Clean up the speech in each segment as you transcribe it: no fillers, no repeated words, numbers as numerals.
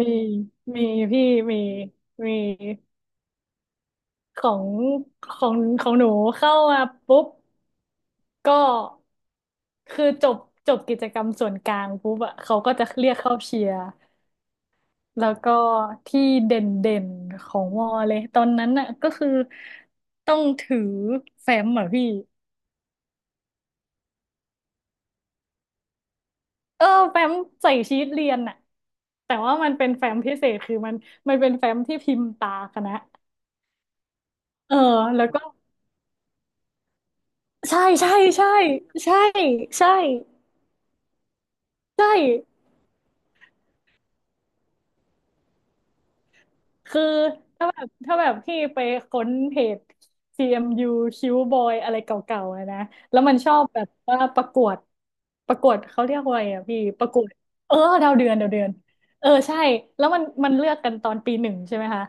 มีมีพี่มีมีของของของหนูเข้ามาปุ๊บก็คือจบกิจกรรมส่วนกลางปุ๊บอะเขาก็จะเรียกเข้าเชียร์แล้วก็ที่เด่นของวอเลยตอนนั้นอะก็คือต้องถือแฟ้มเหรอพี่เออแฟ้มใส่ชีทเรียนอะแต่ว่ามันเป็นแฟ้มพิเศษคือมันมันเป็นแฟ้มที่พิมพ์ตาคณะเออแล้วก็ ใช่ใช่ใช่ใช่ใช่ใช่ คือถ้าแบบพี่ไปค้นเพจ CMU คิวบอยอะไรเก่าๆอะนะแล้วมันชอบแบบว่าประกวดเขาเรียกว่าอะไรอ่ะพี่ประกวดเออดาวเดือนดาวเดือนเออใช่แล้วมันมันเลือกกันตอนปีหนึ่งใช่ไหมคะ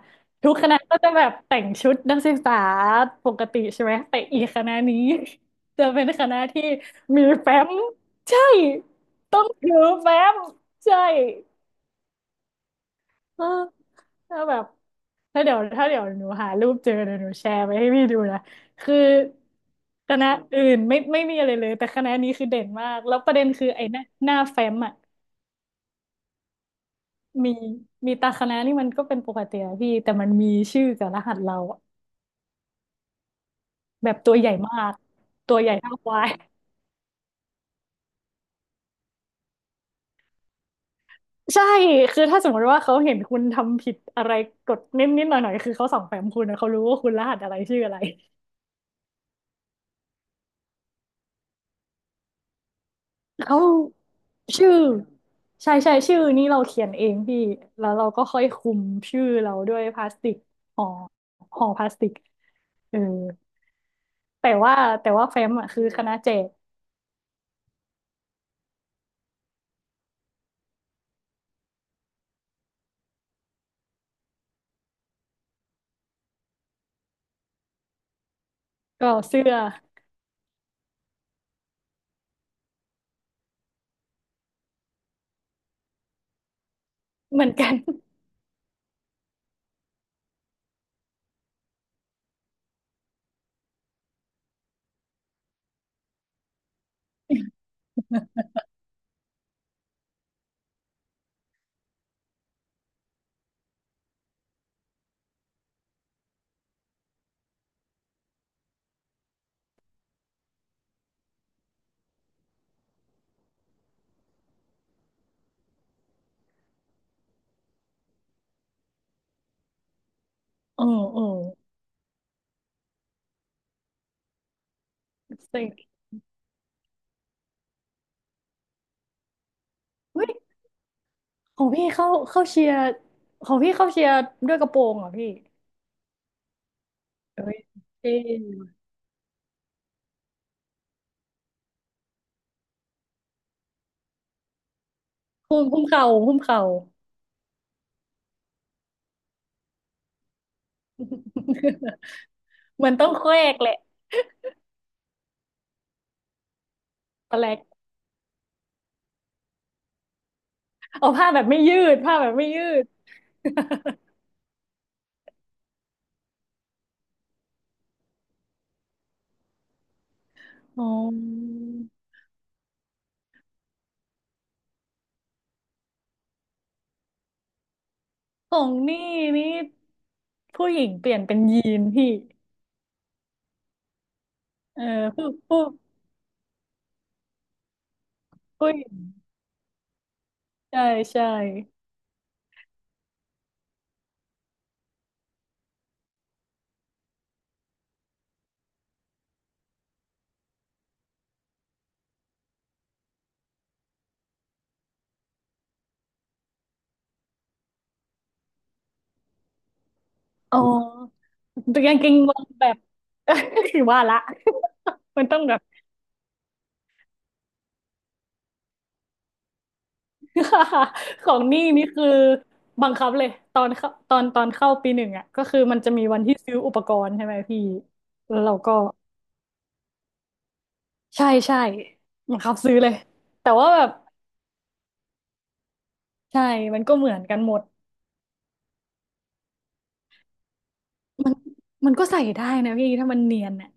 ทุกคณะก็จะแบบแต่งชุดนักศึกษาปกติใช่ไหมแต่อีกคณะนี้ จะเป็นคณะที่มีแฟ้มใช่ต้องถือแฟ้มใช่ เออแล้วแบบถ้าเดี๋ยวหนูหารูปเจอเดี๋ยวหนูแชร์ไปให้พี่ดูนะคือคณะอื่นไม่มีอะไรเลยแต่คณะนี้คือเด่นมากแล้วประเด็นคือไอ้หน้าหน้าแฟ้มอ่ะมีมีตาคณะนี่มันก็เป็นปกติอะพี่แต่มันมีชื่อกับรหัสเราอะแบบตัวใหญ่มากตัวใหญ่เท่าควาย ใช่คือถ้าสมมติว่าเขาเห็นคุณทำผิดอะไรกดนิดนิดหน่อยหน่อยๆคือเขาส่องแฟ้มคุณนะเขารู้ว่าคุณรหัสอะไรชื่ออะไร เอ้าชื่อใช่ใช่ชื่อนี่เราเขียนเองพี่แล้วเราก็ค่อยคุมชื่อเราด้วยพลาสติกห่อห่อพลาสติกเออแต่ว่าแต่ว่าแฟ้มอ่ะคือคณะแจกก็เสื้อเหมือนกัน เออเออเซ็งเฮ้ยของพี่เข้าเชียร์ของพี่เข้าเชียร์ด้วยกระโปรงเหรอพี่เอ้ยเท่หุ้มเข่าหุ้มเข่า มันต้องแควกแหละตะแลกเอาผ้าแบบไม่ยืดผ้าแบบไม่ยืด อ๋อ ของนี่นี่ผู้หญิงเปลี่ยนเป็นยีนพี่เออผู้ผู้ผู้หญิงใช่ใช่อ๋อตัวกางเกงวางแบบ ว่าละมันต้องแบบ ของนี่นี่คือบังคับเลยตอนเข้าปีหนึ่งอ่ะก็คือมันจะมีวันที่ซื้ออุปกรณ์ใช่ไหมพี่แล้วเราก็ใช่ใช่บังคับซื้อเลยแต่ว่าแบบใช่มันก็เหมือนกันหมดมันมันก็ใส่ได้นะพี่ถ้ามันเนียนอ่ะ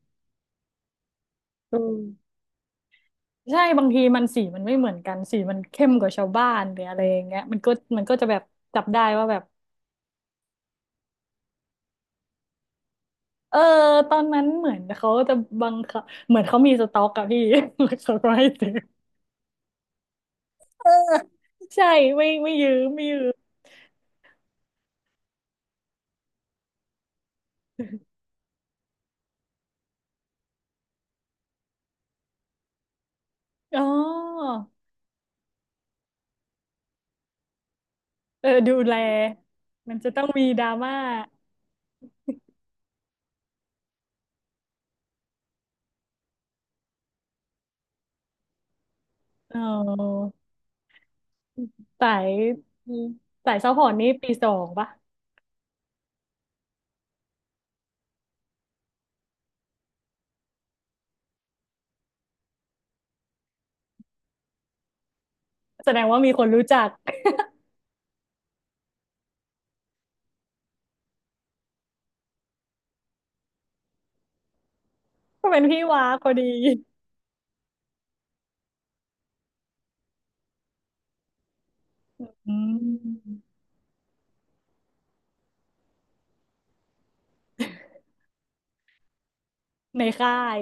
อือ ใช่บางทีมันสีมันไม่เหมือนกันสีมันเข้มกว่าชาวบ้านหรืออะไรอย่างเงี้ยมันก็มันก็จะแบบจับได้ว่าแบบเออตอนนั้นเหมือนเขาจะบังคับเหมือนเขามีสต็อกอะพี่ แล้วเขาก็ให้ซื้อเออใช่ไม่ยืมไม่ยืมอ๋อเออดูแลมันจะต้องมีดราม่าเออสายสายซัพพอร์ตนี่ปีสองปะแสดงว่ามีคนรู้จัก ก็เป็นพี่ว้าพอดีอืมในค่าย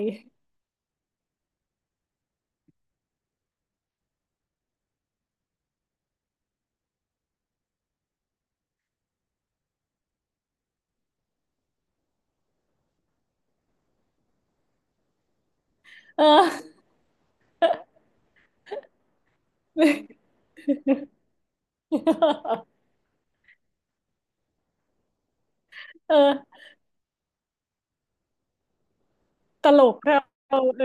เออ เออตลกเราเออ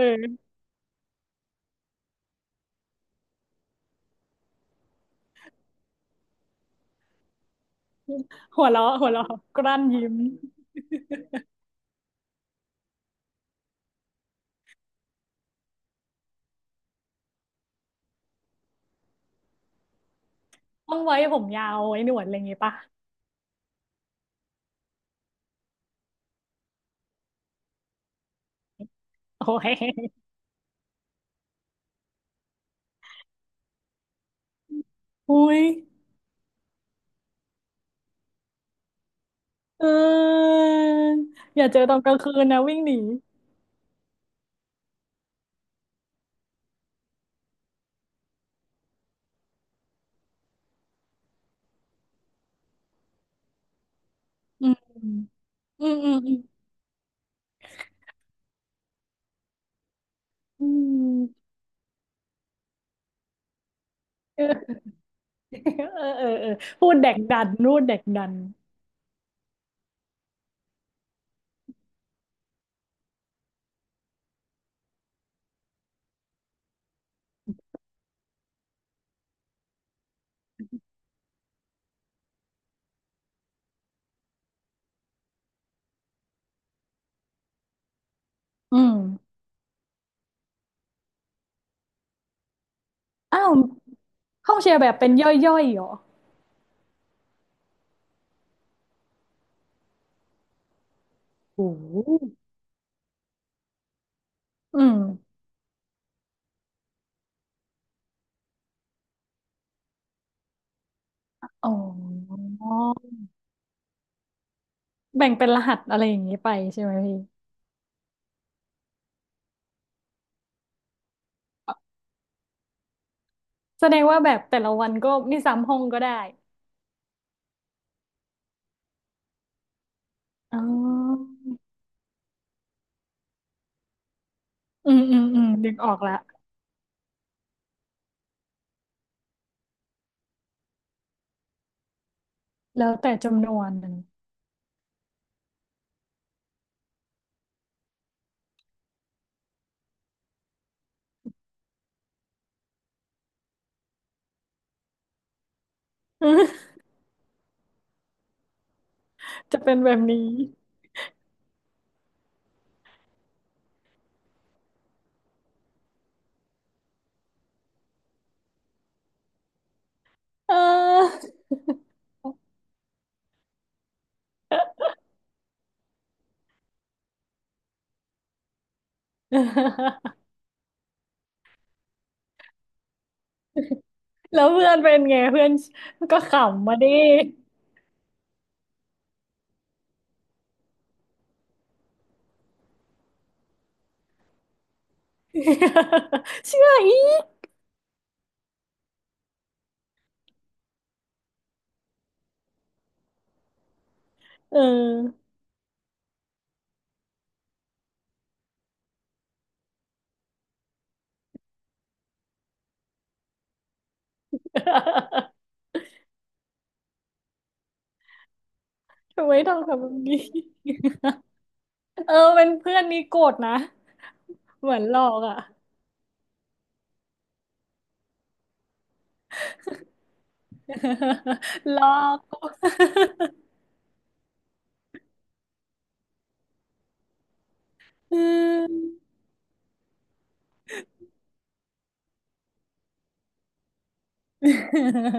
หัวเราะหัวเราะกลั้นยิ้มต้องไว้ผมยาวไว้หนวดอะไรอย่างงี้ป่ะโอ้ยอุ้ยเอออย่าเจอตอนกลางคืนนะวิ่งหนีอืมอืมอืมอืมอืมเออเออเออเออพูดแดกดันพูดแดกดันอืมอ้าวห้องแชร์แบบเป็นย่อยๆเหรอโอ้โหอืมอ๋อ แบ่งเป็นรหัสอะไรอย่างนี้ไปใช่ไหมพี่แสดงว่าแบบแต่ละวันก็ไม่ซ้ำห้องก็ได้อ๋ออืมอืมอืมดึงออกละแล้วแต่จำนวนนะ จะเป็นแบบนี้เออ แล้วเพื่อนเป็นไงเพื่อนก็ขำมาดิ เชื่ออีกเออ ทำไมต้องทำแบบนี้ เออเป็นเพื่อนนี่โกรธนะ เหมือนหลอกอ่ะ หลอก อืม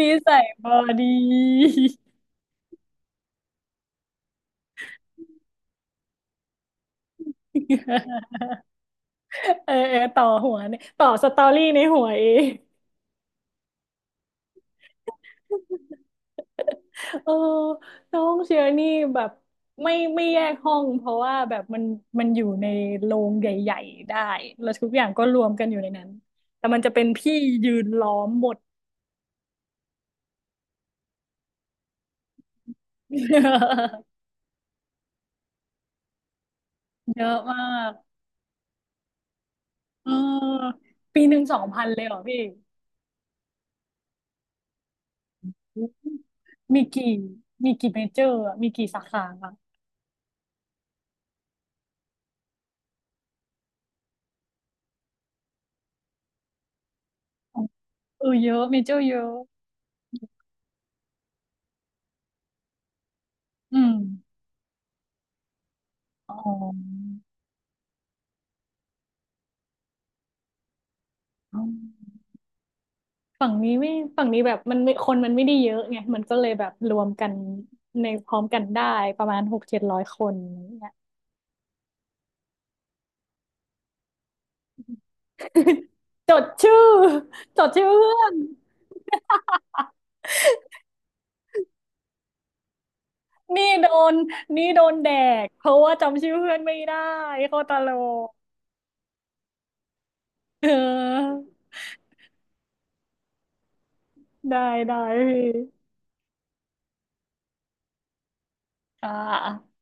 นิสัยบอดี เออเออต่อหัวเนี่ยต่อสตอรี่ในหัวเองเออน้องเชียร์นี่แบบไม่แยกห้องเพราะว่าแบบมันมันอยู่ในโรงใหญ่ๆได้แล้วทุกอย่างก็รวมกันอยู่ในนั้นแต่มันจะเป็นพี่ยืนล้อมหมด เยอะมากเออปีหนึ่ง 2000เลยเหรอพี่มีกี่มีกี่เมเจอร์อะมีกี่สาขาอะ เออเยอะเมเจอร์เยอะอืมอ๋ออ๋อฝั่งนี้ไม่ฝั่งนี้แบบมันไม่คนมันไม่ได้เยอะไงมันก็เลยแบบรวมกันในพร้อมกันได้ประมาณหกเจ็ดร้อยคนอย่างเนี่ยจดชื่อ จดชื่อเพื่อนนี่โดนนี่โดนแดกเพราะว่าจำชื่อเพื่อนไม่ได้โคตรตลกเออได้ได้พี่ค่ะ